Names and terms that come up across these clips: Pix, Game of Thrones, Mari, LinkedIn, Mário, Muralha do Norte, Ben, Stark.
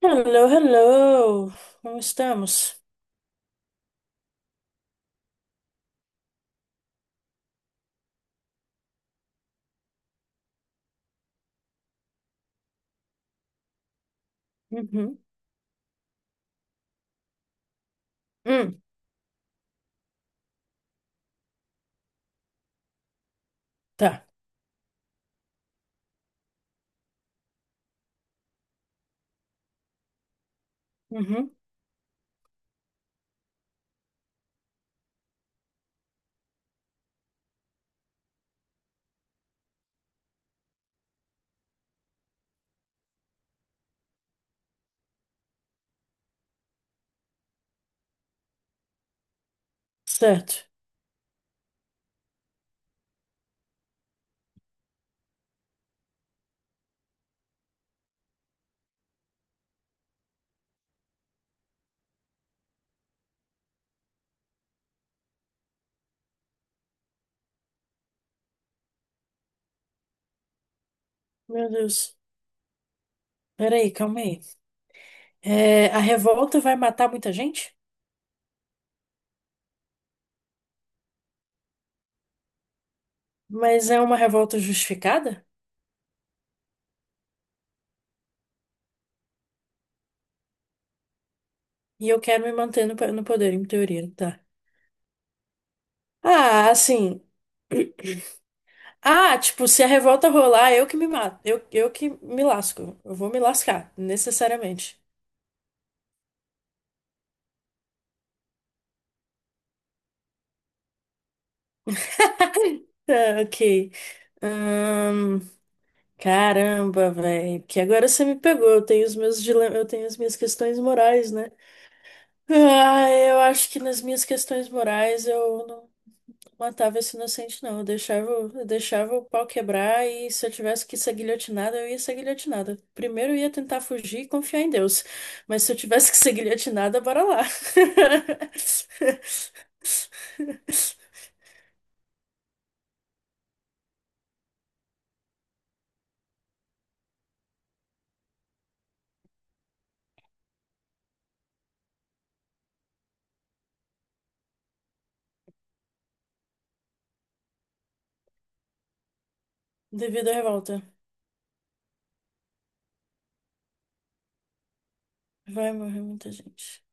Hello, hello. Como estamos? Uhum. Hum, tá. Uhum. Certo. Meu Deus. Peraí, calma aí. É, a revolta vai matar muita gente? Mas é uma revolta justificada? E eu quero me manter no, no poder, em teoria, tá? Ah, assim. Ah, tipo, se a revolta rolar, eu que me mato. Eu que me lasco. Eu vou me lascar, necessariamente. Ah, ok. Caramba, velho, que agora você me pegou. Eu tenho os meus dilemas, eu tenho as minhas questões morais, né? Ah, eu acho que nas minhas questões morais eu não matava esse inocente, não. Eu deixava o pau quebrar e se eu tivesse que ser guilhotinada, eu ia ser guilhotinada. Primeiro eu ia tentar fugir e confiar em Deus. Mas se eu tivesse que ser guilhotinada, bora lá. Devido à revolta. Vai morrer muita gente.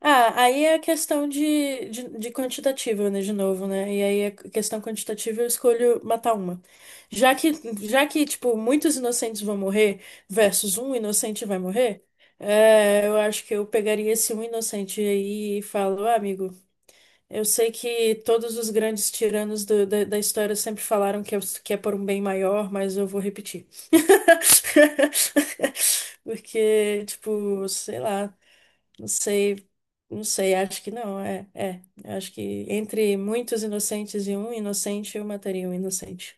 Ah, aí é a questão de quantitativa, né, de novo, né? E aí é a questão quantitativa eu escolho matar uma. Já que, já que, tipo, muitos inocentes vão morrer versus um inocente vai morrer, é, eu acho que eu pegaria esse um inocente aí e falo, ah, amigo, eu sei que todos os grandes tiranos da história sempre falaram que é por um bem maior, mas eu vou repetir. Porque, tipo, sei lá. Não sei, não sei, acho que não, é. Acho que entre muitos inocentes e um inocente, eu mataria um inocente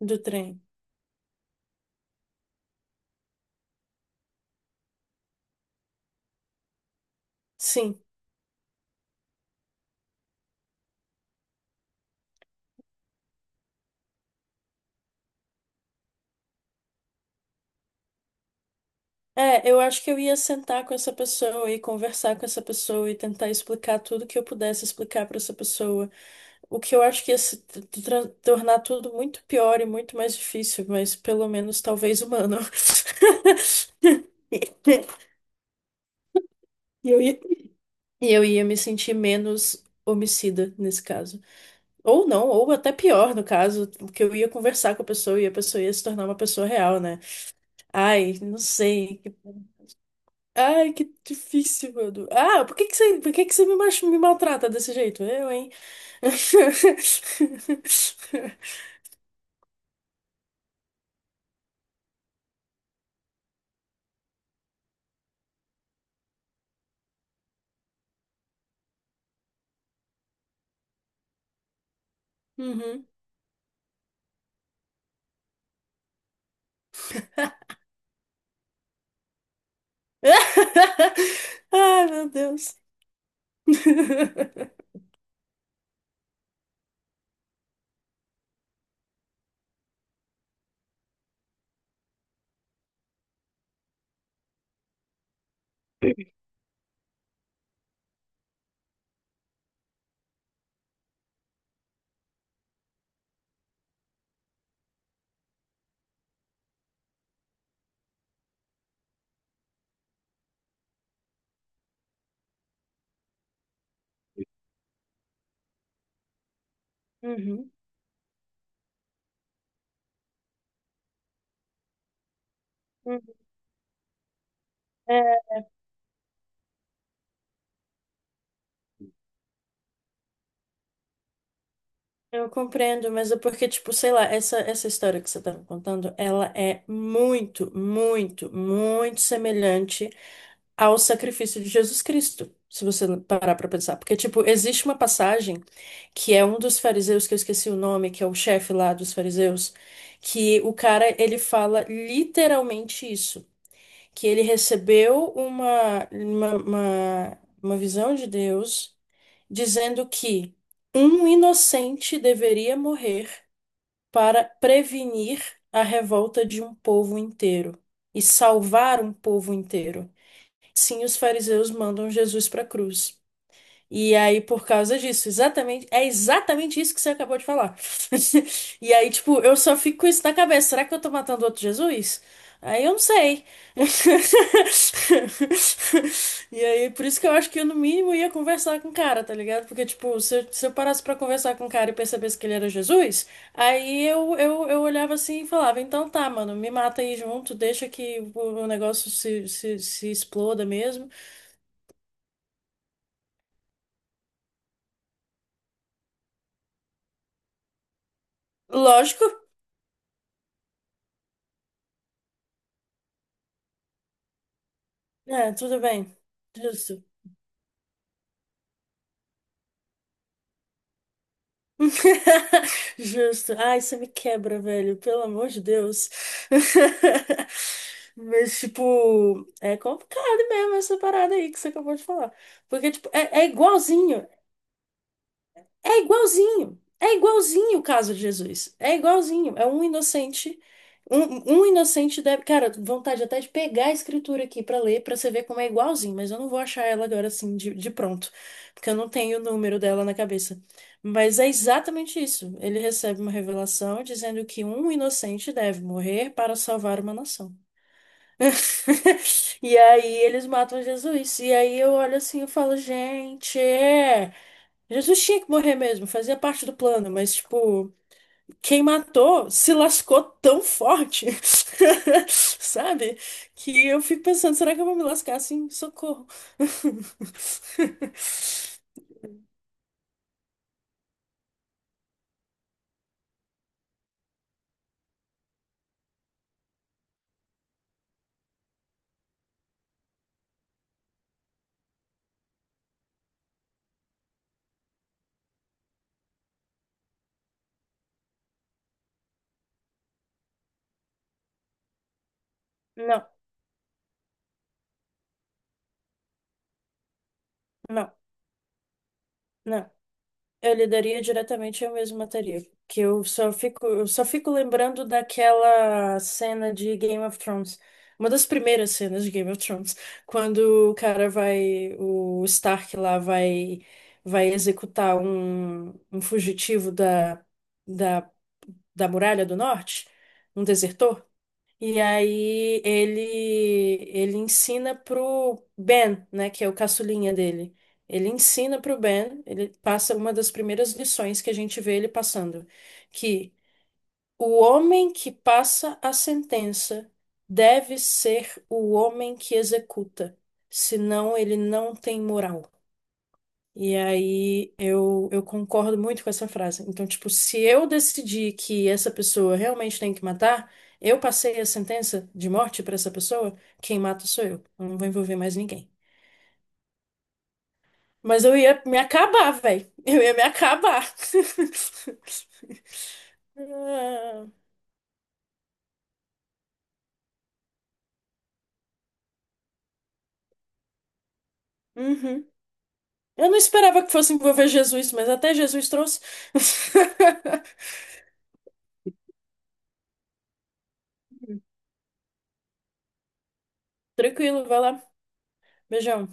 do trem. Sim. É, eu acho que eu ia sentar com essa pessoa e conversar com essa pessoa e tentar explicar tudo que eu pudesse explicar para essa pessoa. O que eu acho que ia se tornar tudo muito pior e muito mais difícil, mas pelo menos talvez humano. E eu ia, e eu ia me sentir menos homicida nesse caso. Ou não, ou até pior, no caso, que eu ia conversar com a pessoa e a pessoa ia se tornar uma pessoa real, né? Ai, não sei. Ai, que difícil, mano. Ah, por que que você me, me maltrata desse jeito? Eu, hein? Uhum. Ai, meu Deus. Uhum. Uhum. É, eu compreendo, mas é porque, tipo, sei lá, essa história que você tá me contando, ela é muito, muito, muito semelhante ao sacrifício de Jesus Cristo, se você parar para pensar. Porque, tipo, existe uma passagem que é um dos fariseus, que eu esqueci o nome, que é o chefe lá dos fariseus, que o cara, ele fala literalmente isso, que ele recebeu uma visão de Deus dizendo que um inocente deveria morrer para prevenir a revolta de um povo inteiro e salvar um povo inteiro. Sim, os fariseus mandam Jesus para a cruz. E aí, por causa disso, exatamente, é exatamente isso que você acabou de falar. E aí, tipo, eu só fico com isso na cabeça. Será que eu tô matando outro Jesus? Aí eu não sei. E aí, por isso que eu acho que eu, no mínimo, ia conversar com o cara, tá ligado? Porque, tipo, se eu parasse pra conversar com o cara e percebesse que ele era Jesus, eu olhava assim e falava: então tá, mano, me mata aí junto, deixa que o negócio se exploda mesmo. Lógico. É, tudo bem. Justo. Justo. Ai, você me quebra, velho. Pelo amor de Deus. Mas, tipo, é complicado mesmo essa parada aí que você acabou de falar. Porque, tipo, é igualzinho. É igualzinho. É igualzinho o caso de Jesus. É igualzinho. É um inocente. Um inocente deve. Cara, vontade até de pegar a escritura aqui pra ler, pra você ver como é igualzinho, mas eu não vou achar ela agora assim de pronto, porque eu não tenho o número dela na cabeça. Mas é exatamente isso. Ele recebe uma revelação dizendo que um inocente deve morrer para salvar uma nação. E aí eles matam Jesus. E aí eu olho assim e falo, gente. É, Jesus tinha que morrer mesmo, fazia parte do plano, mas, tipo, quem matou se lascou tão forte, sabe? Que eu fico pensando, será que eu vou me lascar assim? Socorro. Não, não, não. Eu lidaria diretamente, eu mesma mataria. Que eu só fico lembrando daquela cena de Game of Thrones. Uma das primeiras cenas de Game of Thrones, quando o cara vai, o Stark lá vai, vai executar um fugitivo da, da Muralha do Norte, um desertor. E aí ele ensina pro Ben, né, que é o caçulinha dele. Ele ensina pro Ben, ele passa uma das primeiras lições que a gente vê ele passando, que o homem que passa a sentença deve ser o homem que executa, senão ele não tem moral. E aí eu concordo muito com essa frase. Então, tipo, se eu decidir que essa pessoa realmente tem que matar, eu passei a sentença de morte pra essa pessoa, quem mata sou eu. Eu não vou envolver mais ninguém. Mas eu ia me acabar, velho. Eu ia me acabar. Ah, uhum. Eu não esperava que fosse envolver Jesus, mas até Jesus trouxe. Tranquilo, vai lá. Beijão.